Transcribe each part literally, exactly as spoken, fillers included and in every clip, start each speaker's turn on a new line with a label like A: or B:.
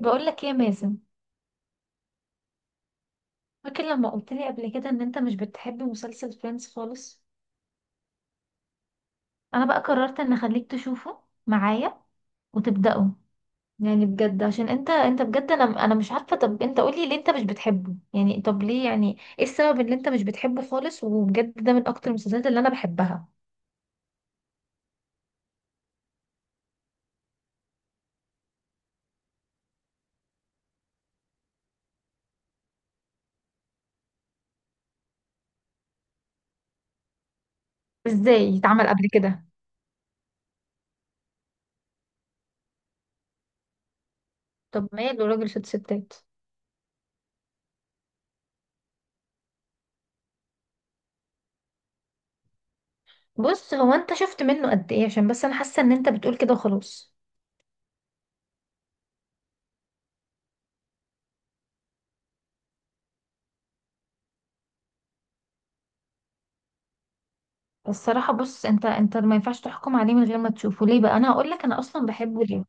A: بقول لك ايه يا مازن؟ فاكر لما قلت لي قبل كده ان انت مش بتحب مسلسل فريندز خالص؟ انا بقى قررت ان اخليك تشوفه معايا وتبداه. يعني بجد عشان انت انت بجد، انا انا مش عارفه، طب انت قولي ليه انت مش بتحبه، يعني طب ليه، يعني ايه السبب اللي انت مش بتحبه خالص؟ وبجد ده من اكتر المسلسلات اللي انا بحبها. ازاي اتعمل قبل كده؟ طب ماله راجل ست ستات؟ بص، هو انت شفت منه قد ايه؟ عشان بس انا حاسه ان انت بتقول كده وخلاص. الصراحة بص، انت انت ما ينفعش تحكم عليه من غير ما تشوفه. ليه بقى انا هقول لك انا اصلا بحبه ليه؟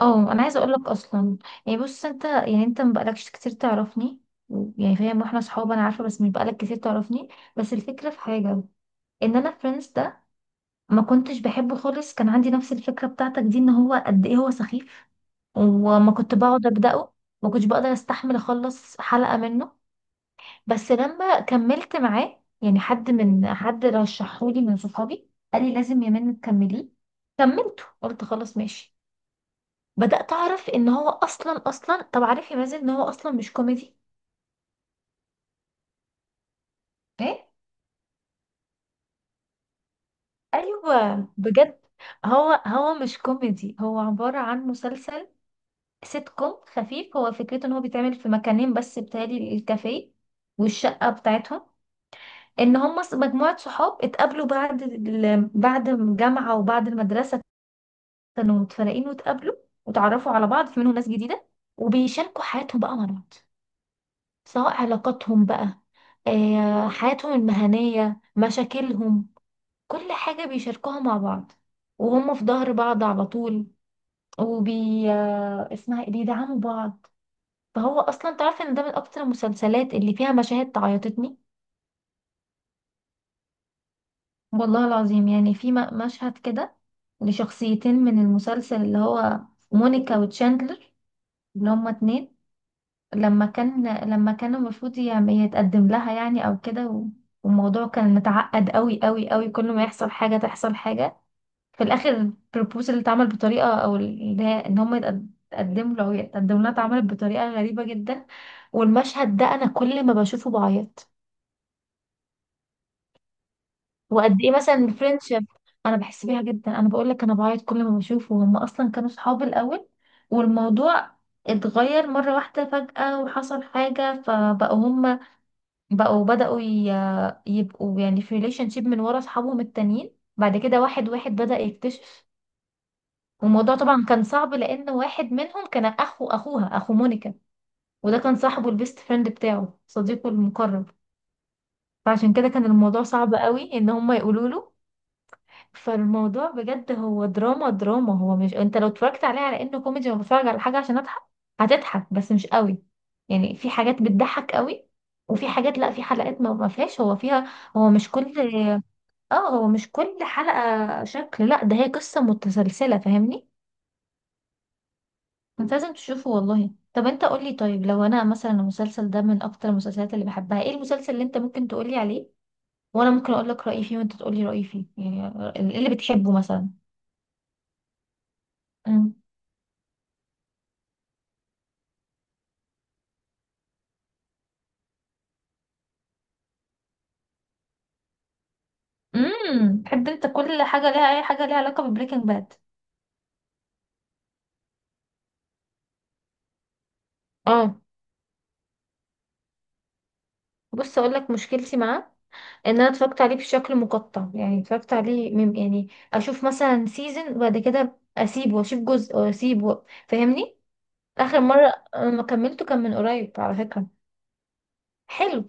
A: اه، انا عايزة اقول لك اصلا. يعني بص، انت يعني انت ما بقالكش كتير تعرفني، يعني فاهم، واحنا صحاب انا عارفة، بس مش بقالك كتير تعرفني. بس الفكرة في حاجة، ان انا فريندز ده ما كنتش بحبه خالص، كان عندي نفس الفكرة بتاعتك دي، ان هو قد ايه هو سخيف، وما كنت بقعد ابدأه، ما كنتش بقدر استحمل اخلص حلقة منه. بس لما كملت معاه، يعني حد من حد رشحولي من صحابي قال لي لازم يمين تكمليه، كملته قلت خلاص ماشي. بدأت أعرف إن هو أصلا أصلا طب، عارف يا مازن إن هو أصلا مش كوميدي؟ إيه؟ أيوه بجد. هو هو مش كوميدي، هو عبارة عن مسلسل سيت كوم خفيف. هو فكرته إن هو بيتعمل في مكانين بس، بتهيألي الكافيه والشقة بتاعتهم. ان هم مجموعة صحاب اتقابلوا بعد ال- بعد الجامعة وبعد المدرسة، كانوا متفرقين واتقابلوا وتعرفوا على بعض، في منهم ناس جديدة، وبيشاركوا حياتهم بقى مع بعض، سواء علاقاتهم بقى، آه، حياتهم المهنية، مشاكلهم، كل حاجة بيشاركوها مع بعض، وهم في ظهر بعض على طول، وبي آه، اسمها إيه؟ بيدعموا بعض. فهو أصلا تعرف إن ده من أكتر المسلسلات اللي فيها مشاهد تعيطتني. والله العظيم، يعني في م- مشهد كده لشخصيتين من المسلسل، اللي هو مونيكا وتشاندلر، اللي هما اتنين لما كان، لما كان المفروض يعني يتقدم لها يعني او كده، و- والموضوع كان متعقد قوي قوي قوي، كل ما يحصل حاجة تحصل حاجة. في الاخر البروبوزال اللي اتعمل بطريقة، او اللي هي ان هم يتقدموا له او يتقدموا لها، اتعملت بطريقة غريبة جدا، والمشهد ده انا كل ما بشوفه بعيط. وقد ايه مثلا الفرنشيب، انا بحس بيها جدا، انا بقول لك انا بعيط كل ما بشوفه. هم اصلا كانوا صحاب الاول، والموضوع اتغير مرة واحدة فجأة، وحصل حاجة فبقوا هم، بقوا بدأوا ي- يبقوا يعني في ريليشن شيب من ورا اصحابهم التانيين، بعد كده واحد واحد بدأ يكتشف. والموضوع طبعا كان صعب، لأن واحد منهم كان أخو أخوها أخو مونيكا، وده كان صاحبه البيست فريند بتاعه، صديقه المقرب، فعشان كده كان الموضوع صعب قوي إن هم يقولوا له. فالموضوع بجد هو دراما دراما، هو مش، انت لو اتفرجت عليه على انه كوميدي وانا بتفرج على حاجة عشان اضحك، هتضحك بس مش قوي. يعني في حاجات بتضحك قوي، وفي حاجات لا، في حلقات ما ما فيهاش، هو فيها هو مش كل، اه هو مش كل حلقة شكل، لا ده هي قصة متسلسلة، فاهمني؟ انت لازم تشوفه والله. طب انت قولي، طيب لو انا مثلا المسلسل ده من اكتر المسلسلات اللي بحبها، ايه المسلسل اللي انت ممكن تقولي عليه وانا ممكن اقول لك رأيي فيه وانت تقولي رأيي فيه؟ يعني ايه اللي بتحبه مثلا؟ امم. امم، بتحب انت كل حاجة ليها، اي حاجة ليها علاقة ببريكنج باد. اه. بص اقول لك مشكلتي معاه، ان انا اتفرجت عليه بشكل مقطع، يعني اتفرجت عليه من- يعني اشوف مثلا سيزون وبعد كده اسيبه واشوف جزء واسيبه، فاهمني؟ اخر مره انا كملته كان من قريب على فكره، حلو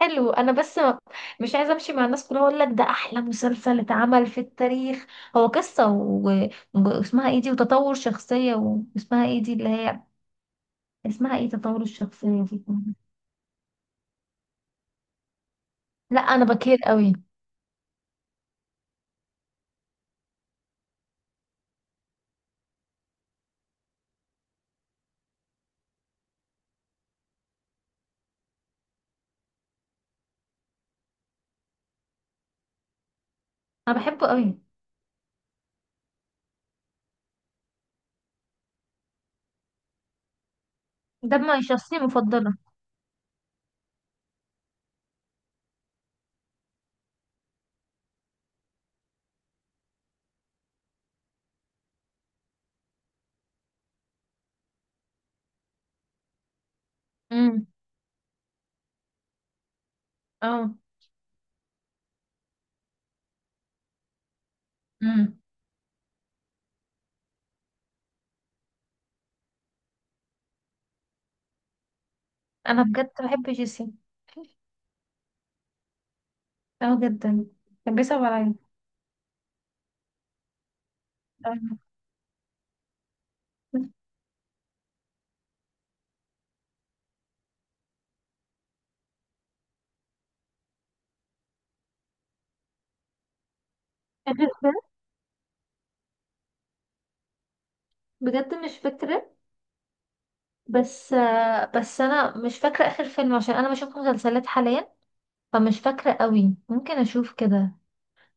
A: حلو. انا بس ما- مش عايزه امشي مع الناس كلها اقول لك ده احلى مسلسل اتعمل في التاريخ، هو قصه و- و- واسمها ايه دي، وتطور شخصيه و- واسمها ايه دي اللي هي، اسمها ايه تطور الشخصيه دي؟ لا انا بكير قوي. انا بحبه قوي. ده ما شخصيه مفضله. امم. اه. امم. انا بجد بحب جيسي. اه جدا. كان بيصعب عليا. بجد مش فاكره. بس آه، بس انا مش فاكره اخر فيلم، عشان انا بشوف مسلسلات حاليا، فمش فاكره قوي، ممكن اشوف كده.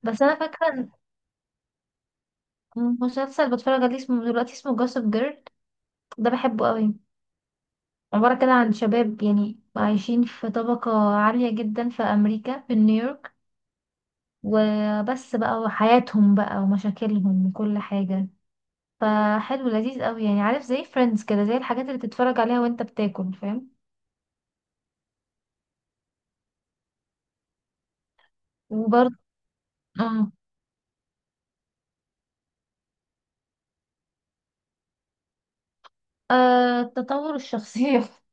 A: بس انا فاكره إن مسلسل بتفرج عليه اسمه دلوقتي، اسمه جوسب جيرل، ده بحبه قوي. عباره كده عن شباب يعني عايشين في طبقه عاليه جدا في امريكا، في نيويورك، وبس بقى، وحياتهم بقى ومشاكلهم وكل حاجه. فحلو لذيذ قوي، يعني عارف زي فريندز كده، زي الحاجات اللي تتفرج عليها وانت بتاكل، فاهم؟ وبرضه اه. آه، تطور الشخصيه.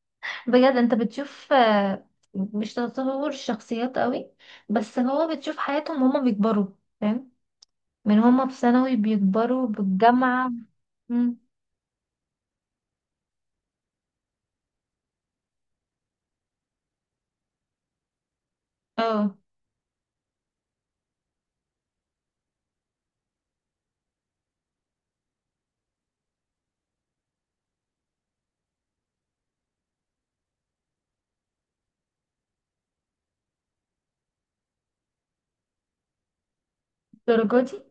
A: بجد انت بتشوف، آه، مش تطور الشخصيات قوي، بس هو بتشوف حياتهم هما بيكبروا، فاهم؟ من هما في ثانوي بيكبروا بالجامعة. مم. اه. الدرجة دي؟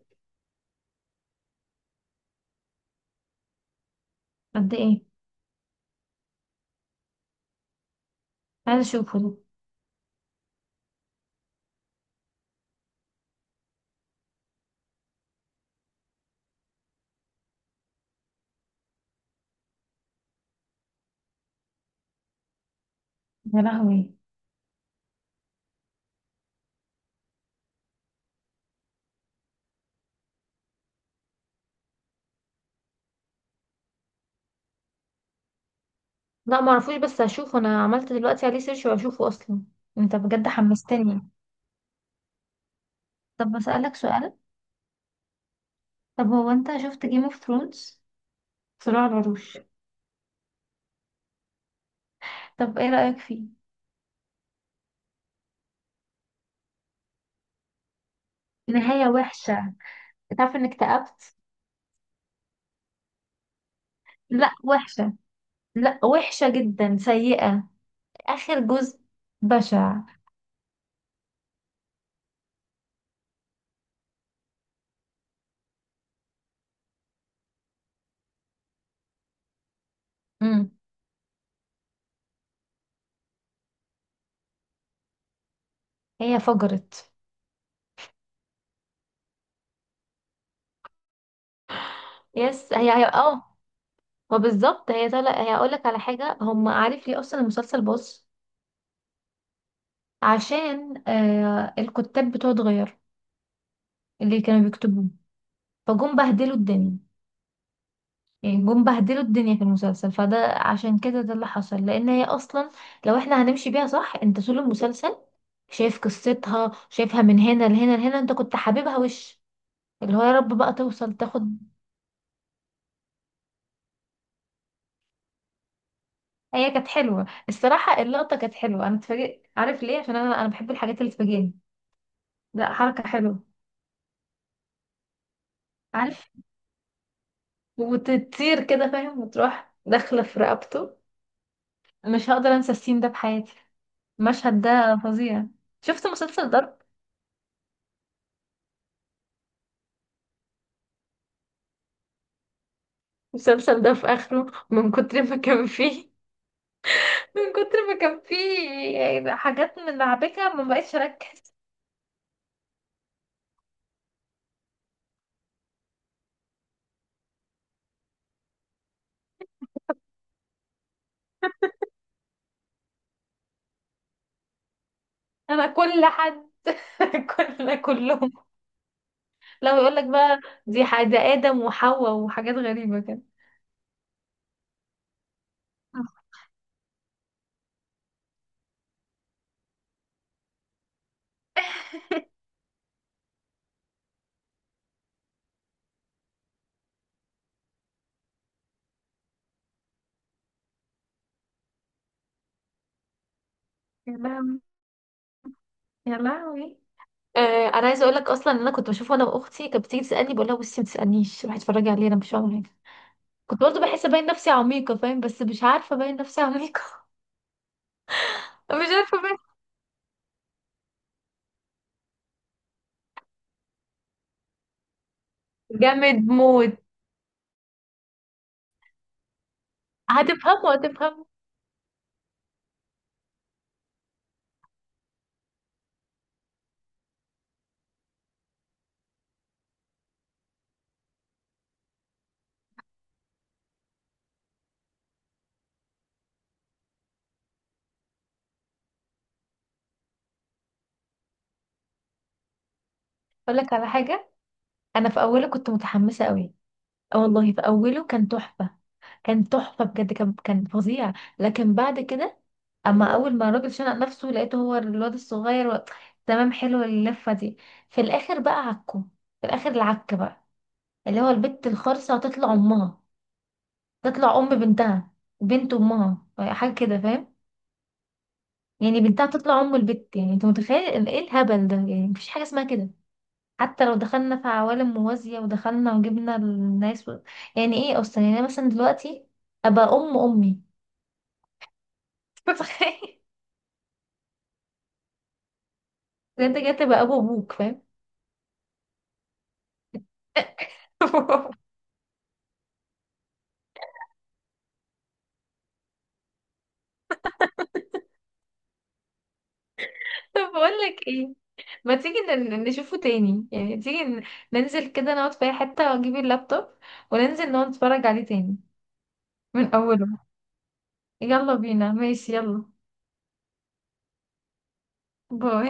A: قد ايه؟ عايزة اشوفه ده. يا لهوي. لا معرفوش، بس هشوفه، انا عملت دلوقتي عليه سيرش وهشوفه اصلا. انت بجد حمستني. طب بسألك سؤال، طب هو انت شفت جيم اوف ثرونز، صراع العروش؟ طب ايه رأيك فيه؟ نهاية وحشة، تعرف انك اكتئبت. لا وحشة، لا وحشة جدا، سيئة. آخر جزء بشع. امم. هي فجرت. يس هي هي اه. ما بالظبط هي طالع هي. اقول لك على حاجة، هم، عارف ليه اصلا المسلسل باظ؟ عشان آه الكتاب بتوعه اتغير، اللي كانوا بيكتبوه، فجم بهدلوا الدنيا، يعني جم بهدلوا الدنيا في المسلسل، فده عشان كده ده اللي حصل. لان هي اصلا، لو احنا هنمشي بيها صح، انت طول المسلسل شايف قصتها، شايفها من هنا لهنا لهنا، انت كنت حاببها وش اللي هو يا رب بقى توصل تاخد. هي كانت حلوه الصراحه، اللقطه كانت حلوه، انا اتفاجئت، عارف ليه؟ عشان انا انا بحب الحاجات اللي تفاجئني، لا حركه حلوه. عارف، وتطير كده فاهم، وتروح داخله في رقبته، مش هقدر انسى السين ده بحياتي، المشهد ده فظيع. شفت مسلسل ضرب؟ المسلسل ده في اخره من كتر ما كان فيه من كتر ما كان فيه حاجات من لعبكه ما بقتش اركز. انا كل حد. كل كلهم. لو يقول لك بقى دي حاجه ادم وحواء وحاجات غريبه كده. يا لهوي. يا لهوي. آه، انا عايزه اقول لك اصلا ان انا كنت بشوفه انا واختي، كانت بتيجي تسالني بقول لها بصي ما تسالنيش، روحي اتفرجي عليه، انا مش هعمل حاجه. كنت برضه بحس باين نفسي عميقه فاهم، بس مش عارفه باين نفسي عميقه. مش عارفه باين. جامد موت. هتفهمه هتفهمه. اقول لك على حاجه. انا في اوله كنت متحمسه قوي، اه والله في اوله كان تحفه، كان تحفه بجد، كان كان فظيع. لكن بعد كده، اما اول ما الراجل شنق نفسه لقيته هو الواد الصغير، و... تمام حلو اللفه دي. في الاخر بقى عكه، في الاخر العك بقى، اللي هو البت الخرصه هتطلع امها، تطلع ام بنتها، بنت امها، حاجه كده فاهم؟ يعني بنتها تطلع ام البت، يعني انت متخيل إن ايه الهبل ده؟ يعني مفيش حاجه اسمها كده، حتى لو دخلنا في عوالم موازية ودخلنا وجبنا الناس، و... يعني ايه اصلا؟ يعني انا مثلا دلوقتي ابقى ام امي. متخيل إن انت جاي تبقى ابو ابوك فاهم؟ طب بقول لك ايه، ما تيجي ن- نشوفه تاني، يعني تيجي ن- ننزل كده نقعد في اي حتة واجيب اللابتوب وننزل نقعد نتفرج عليه تاني، من اوله. يلا بينا ماشي يلا. باي.